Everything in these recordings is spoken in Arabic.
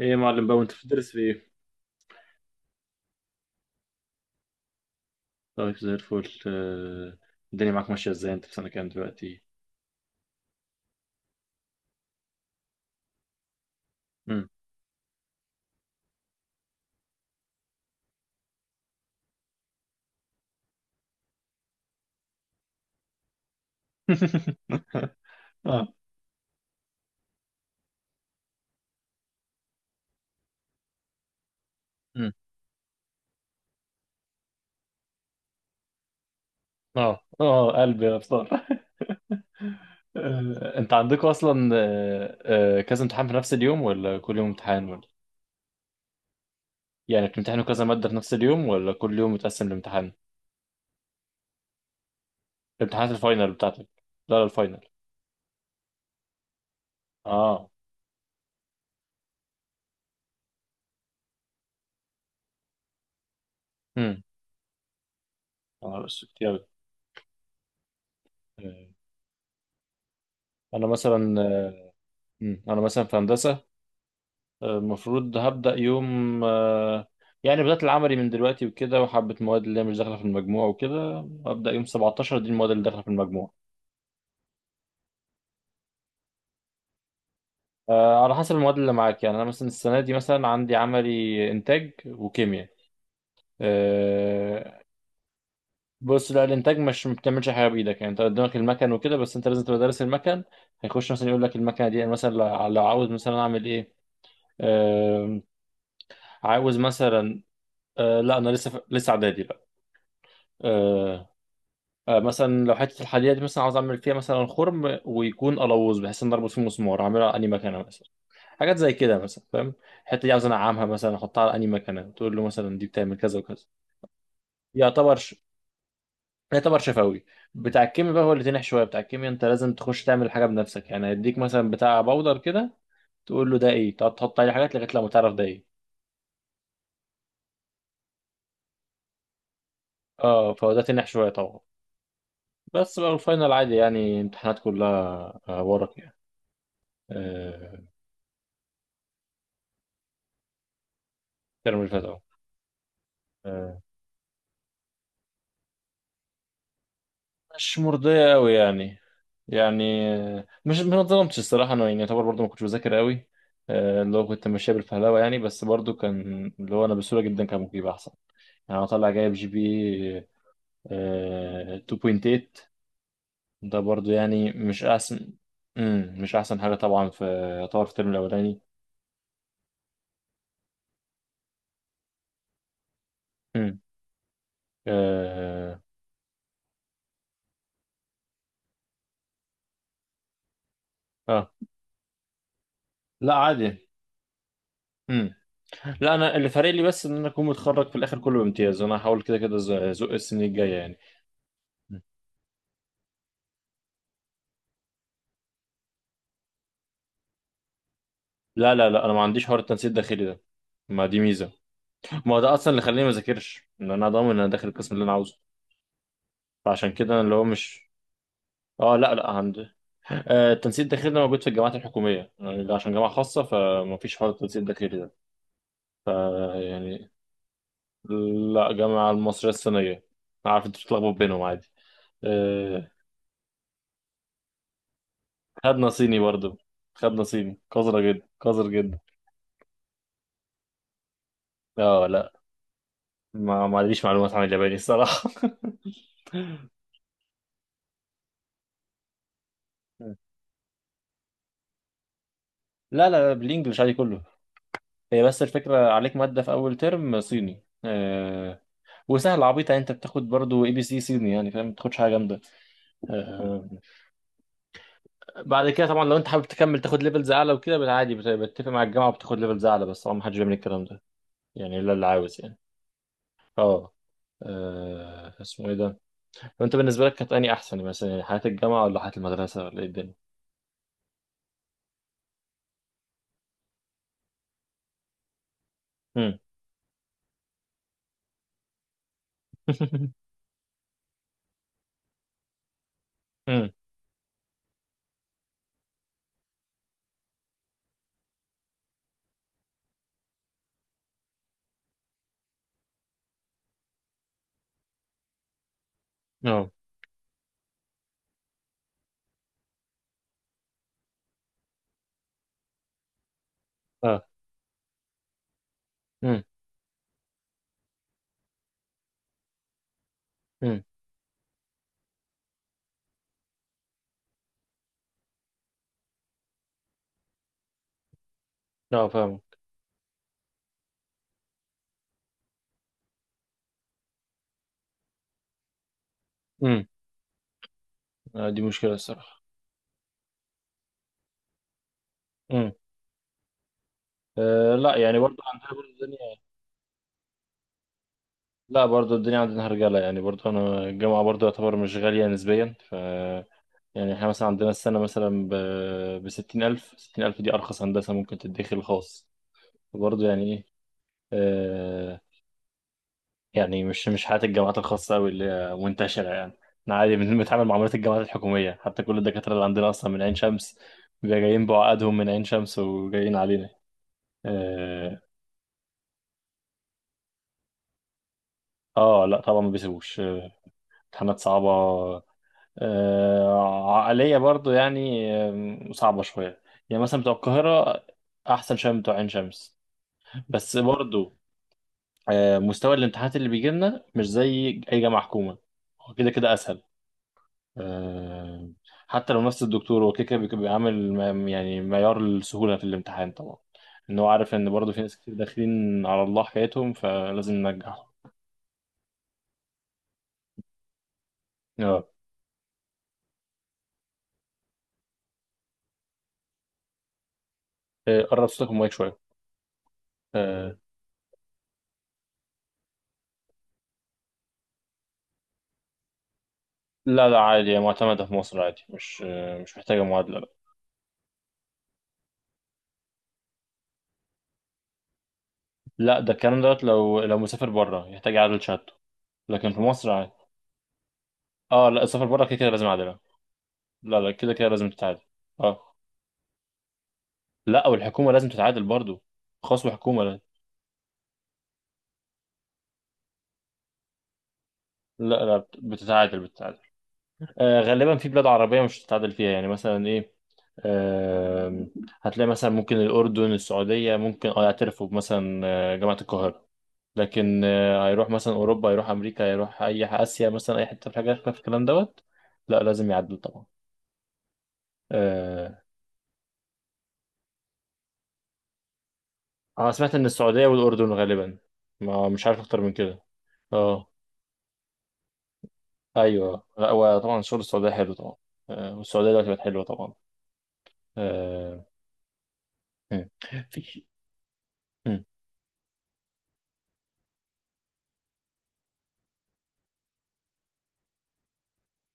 ايه يا معلم بقى وانت بتدرس في ايه؟ طيب زي الفل. الدنيا معاك ماشية ازاي انت في سنة كام دلوقتي؟ مم. اه. مم. اه، اه، قلبي يا بصار. انت عندكم اصلا كذا امتحان في نفس اليوم ولا كل يوم امتحان ولا؟ يعني بتمتحنوا كذا مادة في نفس اليوم ولا كل يوم متقسم لامتحان؟ امتحانات الفاينل بتاعتك. لا، لا، الفاينل. اه. امم. اه، بس كتير أوي. آه، انا مثلا. مم. انا مثلا في هندسة. المفروض هبدأ يوم. يعني بدأت العملي من دلوقتي وكده، وحبة مواد اللي هي مش داخلة في المجموع وكده. هبدأ يوم 17 دي المواد اللي داخلة في المجموع. على حسب المواد اللي معاك، يعني أنا مثلا السنة دي مثلا عندي عملي إنتاج وكيمياء. آه، بص لا الإنتاج مش ما بتعملش حاجة بإيدك، يعني أنت قدامك المكن وكده، بس أنت لازم تبقى دارس المكن. هيخش مثلا يقول لك المكنة دي، أنا مثلا لو عاوز مثلا أعمل إيه. آه، عاوز مثلا. لا أنا لسه إعدادي بقى. آه، مثلا لو حته الحديده دي مثلا عاوز اعمل فيها مثلا خرم ويكون قلوز، بحيث ان اربط فيه مسمار، اعملها اني مكانه مثلا. حاجات زي كده مثلا، فاهم. الحته دي عاوز انعمها مثلا، احطها على اني مكانه، تقول له مثلا دي بتعمل كذا وكذا. يعتبر ش... يعتبر شفوي. بتاع الكيمياء بقى هو اللي تنح شويه، بتاع الكيمياء انت لازم تخش تعمل حاجه بنفسك، يعني هيديك مثلا بتاع باودر كده، تقول له ده ايه، تقعد تحط عليه حاجات لغايه لما تعرف ده ايه. اه، فهو ده تنح شويه طبعا. بس بقى الفاينل عادي، يعني امتحانات كلها ورق يعني. آه، الترم اللي فات اهو. آه، مش مرضية أوي يعني. يعني، مش ما اتظلمتش الصراحة، أنا يعني يعتبر برضه ما كنتش بذاكر أوي. اللي هو كنت ماشية بالفهلوة يعني، بس برضه كان اللي هو أنا بسهولة جدا كان ممكن يبقى أحسن. يعني أنا طالع جايب GP 2.8 ده برضه يعني مش أحسن. مم. مش أحسن حاجة طبعا، في يعتبر في الترم الأولاني. مم. آه. آه. لا عادي. مم. لا، أنا اللي فارق لي بس إن أنا أكون متخرج في الآخر كله بامتياز، وأنا هحاول كده كده أزق السنين الجاية يعني. لا، لا، لا، انا ما عنديش حوار التنسيق الداخلي ده، ما دي ميزه. ما هو ده اصلا اللي خليني ما اذاكرش، ان انا ضامن ان انا داخل القسم اللي انا عاوزه، فعشان كده انا اللي هو مش. اه، لا، لا، عندي. التنسيق الداخلي ده موجود في الجامعات الحكوميه، يعني ده عشان جامعه خاصه فما فيش حوار التنسيق الداخلي ده. يعني لا، جامعه المصريه الصينيه. عارف انت بتتلخبط بينهم عادي. آه. خدنا صيني برضه، خدنا صيني قذره جدا، قذر جدا. اه، لا، ما عنديش معلومات عن الياباني الصراحه. لا، لا، لا، بالانجلش عادي كله. هي بس الفكرة عليك مادة في أول ترم صيني. وسهلة عبيطة يعني، أنت بتاخد برضو ABC صيني يعني فاهم، ما بتاخدش حاجة جامدة. آه. بعد كده طبعا لو أنت حابب تكمل تاخد ليفلز أعلى وكده بالعادي، بتتفق مع الجامعة وبتاخد ليفلز أعلى، بس طبعا ما حدش بيعمل الكلام ده، يعني إلا اللي عاوز يعني. أه. اسمه إيه ده؟ طب أنت بالنسبة لك كانت أني أحسن مثلا يعني، حياة الجامعة ولا حياة المدرسة ولا إيه الدنيا؟ أمم. أمم. أه. أه. أمم. أمم. أه، فاهم. أمم. دي مشكلة الصراحة. أه، لا، يعني برضو عندنا برضو الدنيا. لا، برضو الدنيا عندنا هرجلة يعني، برضو أنا الجامعة برضو يعتبر مش غالية نسبيا، ف يعني احنا مثلا عندنا السنة مثلا ب، بستين ألف 60 ألف، دي أرخص هندسة ممكن تدخل خاص. برضو يعني إيه. أه. يعني مش حياة الجامعات الخاصة أوي اللي هي منتشرة يعني. احنا عادي بنتعامل مع معاملات الجامعات الحكومية، حتى كل الدكاترة اللي عندنا أصلا من عين شمس، بيبقوا جايين بعقدهم من عين شمس وجايين علينا. اه. لا طبعا ما بيسيبوش. امتحانات صعبة. عقلية برضو يعني، صعبة شوية. يعني مثلا بتوع القاهرة أحسن شوية من بتوع عين شمس، بس برضو مستوى الامتحانات اللي بيجي لنا مش زي أي جامعة حكومة. هو كده كده أسهل. آه، حتى لو نفس الدكتور هو كده كده بيعمل يعني معيار السهولة في الامتحان طبعا. إن هو عارف إن برضو في ناس كتير داخلين على الله حكايتهم، فلازم ننجحهم. آه، قرب صوتك من المايك شوية. آه، لا لا، عادي هي معتمدة في مصر عادي، مش محتاجة معادلة. لا ده الكلام دوت، لو مسافر بره يحتاج يعادل شهادته، لكن في مصر عادي. اه، لا، السفر بره كده كده لازم اعادلها. لا، لا، كده كده لازم تتعادل. اه. لا، والحكومه لازم تتعادل برضو، خاص وحكومه، لا. لا، لا، بتتعادل بتتعادل. آه، غالبا في بلاد عربيه مش هتتعادل فيها، يعني مثلا ايه. آه هتلاقي مثلا ممكن الاردن السعوديه ممكن، اه يعترفوا مثلا جامعه القاهره. لكن هيروح مثلا اوروبا، هيروح امريكا، هيروح اي اسيا مثلا اي حته في حاجه في الكلام دوت. لا، لازم يعدل طبعا. آه، أنا سمعت إن السعودية والأردن غالبا، ما مش عارف أكتر من كده. أه. أيوه، لا، هو طبعا شغل السعودية حلو طبعا. والسعودية دلوقتي بقت حلوة طبعا. أه. مم. في. مم.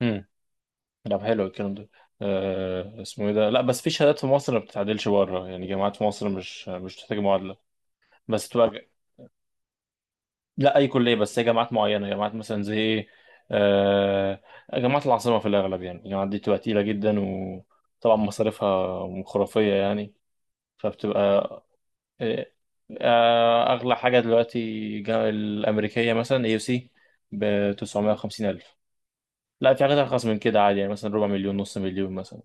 مم. لا، حلو الكلام ده. أه، اسمه إيه ده، لا بس في شهادات في مصر ما بتتعدلش بره يعني، جامعات في مصر مش بتحتاج معادلة. بس تبقى لا أي كلية، بس هي جامعات معينة، جامعات مثلا زي إيه. أه. جامعات العاصمة في الأغلب يعني، الجامعات دي بتبقى تقيلة جدا، وطبعا مصاريفها خرافية يعني، فبتبقى إيه. أغلى حاجة دلوقتي، الأمريكية مثلا AUC ب 950 ألف. لا، في حاجات أرخص من كده عادي، يعني مثلا ربع مليون نص مليون مثلا.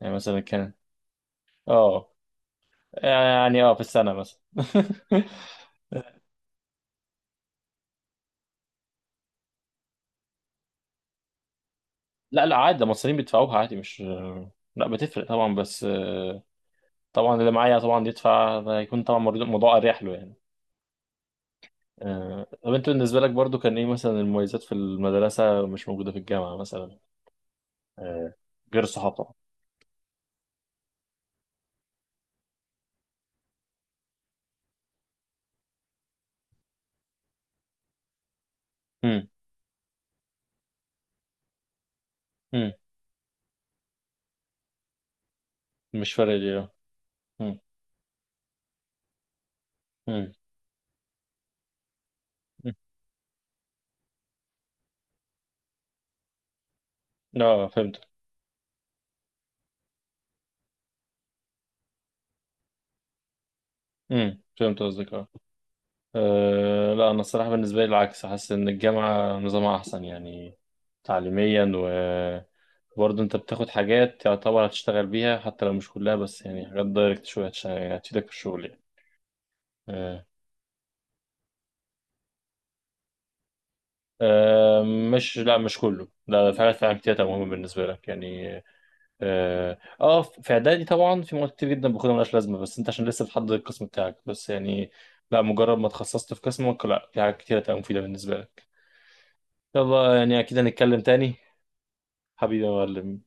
يعني مثلا كان اه، يعني في السنة مثلا. لا، لا، عادي ده المصريين بيدفعوها عادي، مش. لا، بتفرق طبعا بس. طبعا اللي معايا طبعا يدفع ده هيكون طبعا، الموضوع أريح له يعني. طب انت بالنسبة لك برضو كان ايه مثلا المميزات في المدرسة مش موجودة في الجامعة مثلا، آه، غير الصحاب طبعا. مم. مش فارق لي اه. مم. مم. مم. اه، فهمت. مم. فهمت قصدك اه. لا انا الصراحه بالنسبه لي العكس، حاسس ان الجامعه نظامها احسن يعني تعليميا، وبرضه انت بتاخد حاجات يعتبر هتشتغل بيها حتى لو مش كلها، بس يعني حاجات دايركت شويه هتفيدك في الشغل يعني. آه. آه، مش لا، مش كله، لا، في حاجات فعلا كتير مهمه بالنسبه لك يعني. اه في اعدادي طبعا في مواد كتير جدا باخدها ملهاش لازمه، بس انت عشان لسه بتحدد القسم بتاعك بس يعني. لا، مجرد ما اتخصصت في قسمك، لا، في حاجات كتير هتبقى مفيده بالنسبه لك. يلا يعني اكيد هنتكلم تاني. حبيبي يا معلم.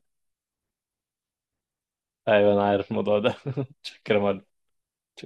ايوه انا عارف الموضوع ده. شكرا يا معلم.